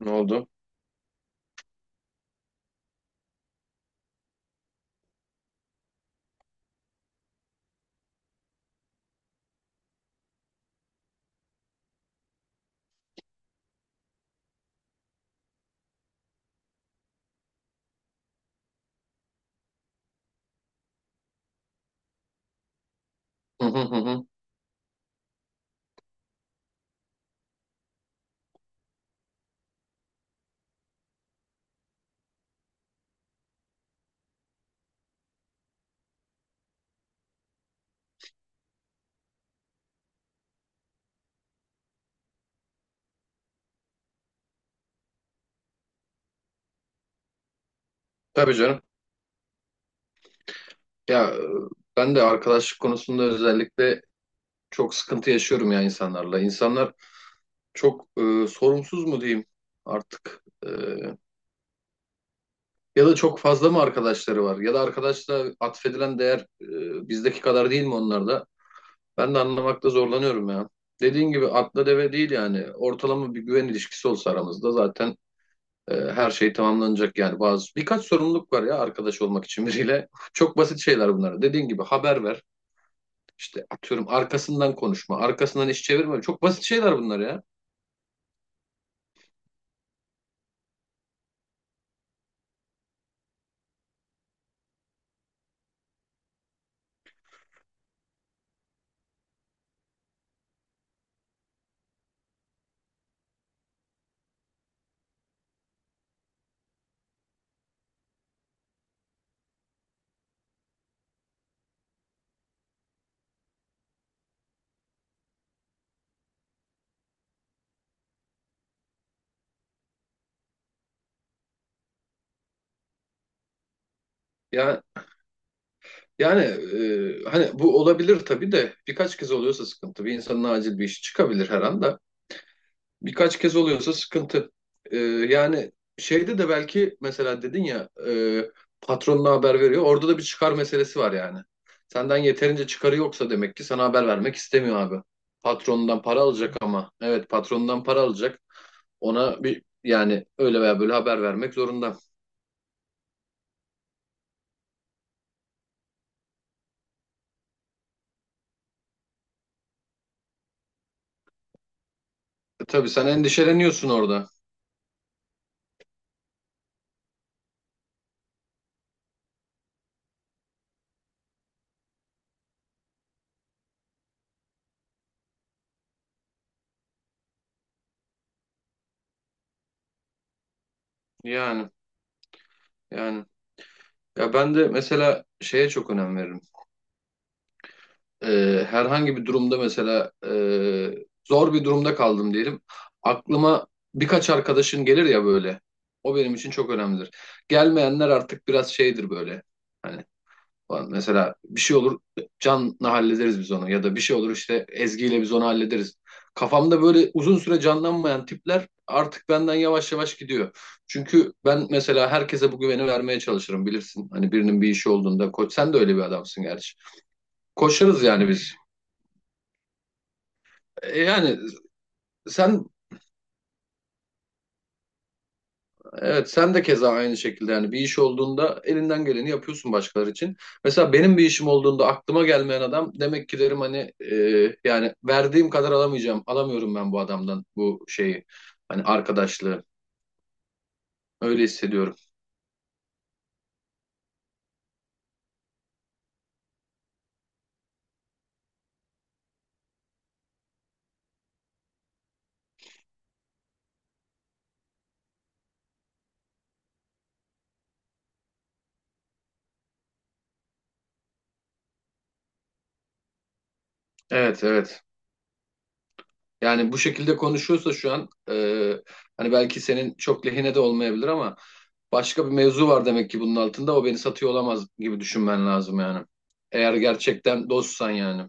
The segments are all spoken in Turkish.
Ne oldu? Hı hı hı. Hı. Tabii canım. Ya e, Ben de arkadaşlık konusunda özellikle çok sıkıntı yaşıyorum ya insanlarla. İnsanlar çok sorumsuz mu diyeyim artık? Ya da çok fazla mı arkadaşları var? Ya da arkadaşla atfedilen değer bizdeki kadar değil mi onlarda? Ben de anlamakta zorlanıyorum ya. Dediğin gibi atla deve değil yani. Ortalama bir güven ilişkisi olsa aramızda zaten. Her şey tamamlanacak yani, bazı birkaç sorumluluk var ya arkadaş olmak için biriyle. Çok basit şeyler bunlar. Dediğin gibi haber ver. İşte atıyorum, arkasından konuşma, arkasından iş çevirme. Çok basit şeyler bunlar ya. Ya, yani hani bu olabilir tabii de birkaç kez oluyorsa sıkıntı. Bir insanın acil bir işi çıkabilir her anda. Birkaç kez oluyorsa sıkıntı. Ee, Yani şeyde de belki, mesela dedin ya, patronuna haber veriyor. Orada da bir çıkar meselesi var yani. Senden yeterince çıkarı yoksa demek ki sana haber vermek istemiyor abi. Patronundan para alacak ama. Evet, patronundan para alacak. Ona bir yani öyle veya böyle haber vermek zorunda. Tabii, sen endişeleniyorsun orada. Yani yani. Ya ben de mesela şeye çok önem veririm. Herhangi bir durumda mesela, zor bir durumda kaldım diyelim. Aklıma birkaç arkadaşın gelir ya böyle. O benim için çok önemlidir. Gelmeyenler artık biraz şeydir böyle. Hani falan. Mesela bir şey olur, Can'la hallederiz biz onu, ya da bir şey olur işte Ezgi'yle biz onu hallederiz. Kafamda böyle uzun süre canlanmayan tipler artık benden yavaş yavaş gidiyor. Çünkü ben mesela herkese bu güveni vermeye çalışırım bilirsin. Hani birinin bir işi olduğunda, koç sen de öyle bir adamsın gerçi. Koşarız yani biz. Yani sen, evet sen de keza aynı şekilde yani, bir iş olduğunda elinden geleni yapıyorsun başkaları için. Mesela benim bir işim olduğunda aklıma gelmeyen adam, demek ki derim hani, yani verdiğim kadar alamayacağım. Alamıyorum ben bu adamdan bu şeyi, hani arkadaşlığı. Öyle hissediyorum. Evet, evet. Yani bu şekilde konuşuyorsa şu an, hani belki senin çok lehine de olmayabilir ama başka bir mevzu var demek ki bunun altında, o beni satıyor olamaz gibi düşünmen lazım yani. Eğer gerçekten dostsan yani.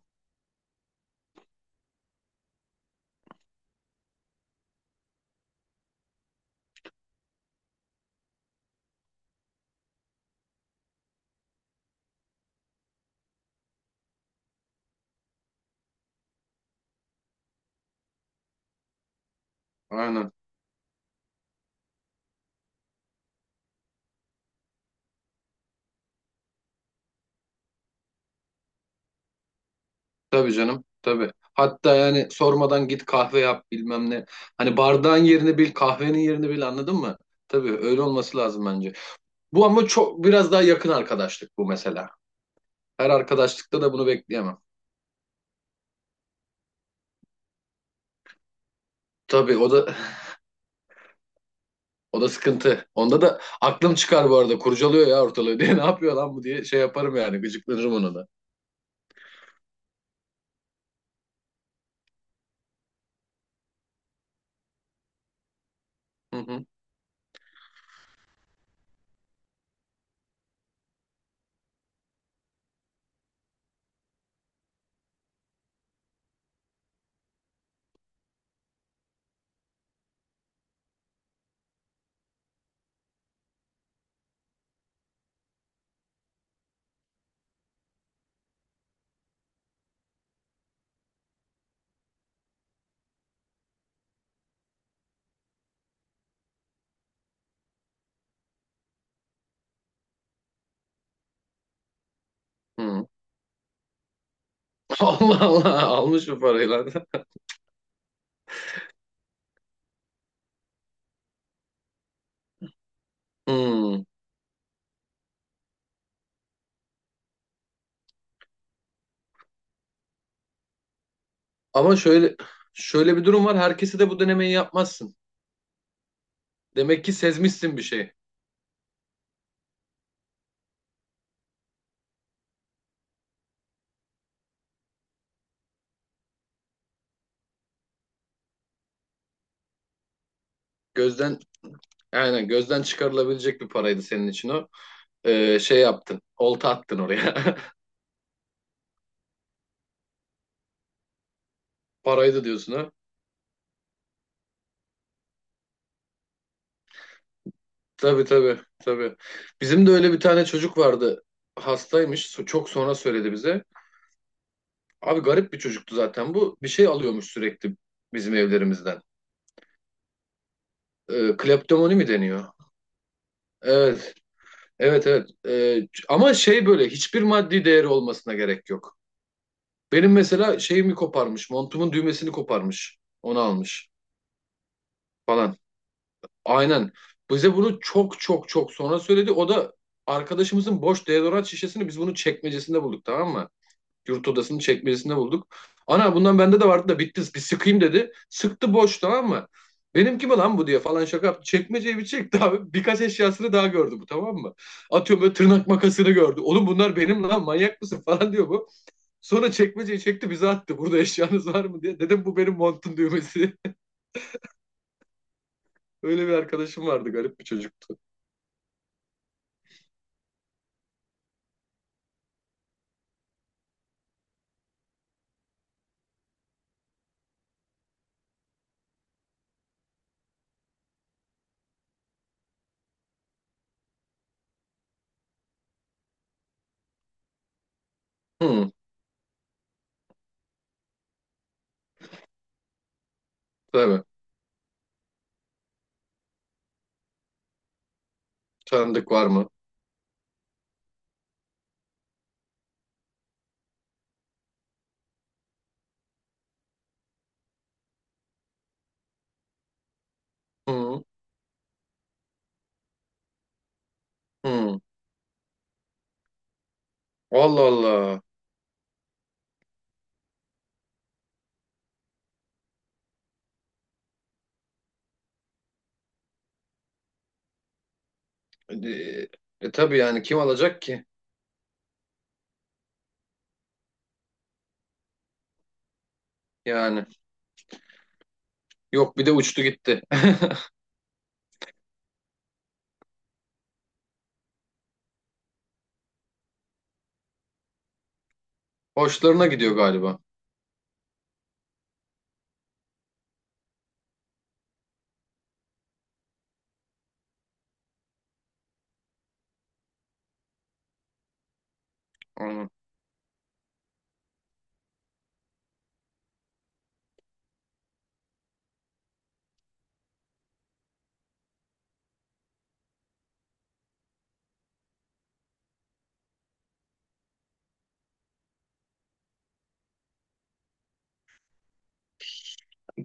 Aynen. Tabii canım. Tabii. Hatta yani sormadan git, kahve yap bilmem ne. Hani bardağın yerini bil, kahvenin yerini bil, anladın mı? Tabii, öyle olması lazım bence. Bu ama çok biraz daha yakın arkadaşlık bu mesela. Her arkadaşlıkta da bunu bekleyemem. Tabii o da o da sıkıntı. Onda da aklım çıkar bu arada. Kurcalıyor ya ortalığı diye. Ne yapıyor lan bu diye şey yaparım yani. Gıcıklanırım ona da. Hı hı. Hı. Allah Allah, almış bu parayı lan. Hı. Ama şöyle bir durum var. Herkese de bu denemeyi yapmazsın. Demek ki sezmişsin bir şey. Gözden aynen, gözden çıkarılabilecek bir paraydı senin için o. Şey yaptın. Olta attın oraya. Paraydı diyorsun ha. Tabii, tabii, tabii. Bizim de öyle bir tane çocuk vardı. Hastaymış. Çok sonra söyledi bize. Abi garip bir çocuktu zaten bu. Bir şey alıyormuş sürekli bizim evlerimizden. Kleptomani mi deniyor? Evet. Evet, evet. Ama şey, böyle hiçbir maddi değeri olmasına gerek yok. Benim mesela şeyimi koparmış. Montumun düğmesini koparmış. Onu almış. Falan. Aynen. Bize bunu çok çok çok sonra söyledi. O da arkadaşımızın boş deodorant şişesini, biz bunu çekmecesinde bulduk tamam mı? Yurt odasının çekmecesinde bulduk. Ana bundan bende de vardı da bitti, bir sıkayım dedi. Sıktı, boş, tamam mı? Benimki mi lan bu diye falan şaka yaptı. Çekmeceyi bir çekti abi. Birkaç eşyasını daha gördü bu, tamam mı? Atıyorum böyle tırnak makasını gördü. Oğlum bunlar benim lan, manyak mısın falan diyor bu. Sonra çekmeceyi çekti bize attı. Burada eşyanız var mı diye. Dedim, bu benim montun düğmesi. Öyle bir arkadaşım vardı, garip bir çocuktu. Hı. Tabii. Tanıdık var mı? Hı hı. Allah Allah. E, E tabii yani, kim alacak ki? Yani. Yok, bir de uçtu gitti. Hoşlarına gidiyor galiba. Hı.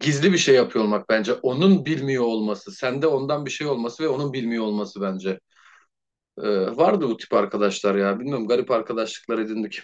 Gizli bir şey yapıyor olmak bence. Onun bilmiyor olması. Sende ondan bir şey olması ve onun bilmiyor olması bence. Ee, Vardı bu tip arkadaşlar ya. Bilmiyorum, garip arkadaşlıklar edindik.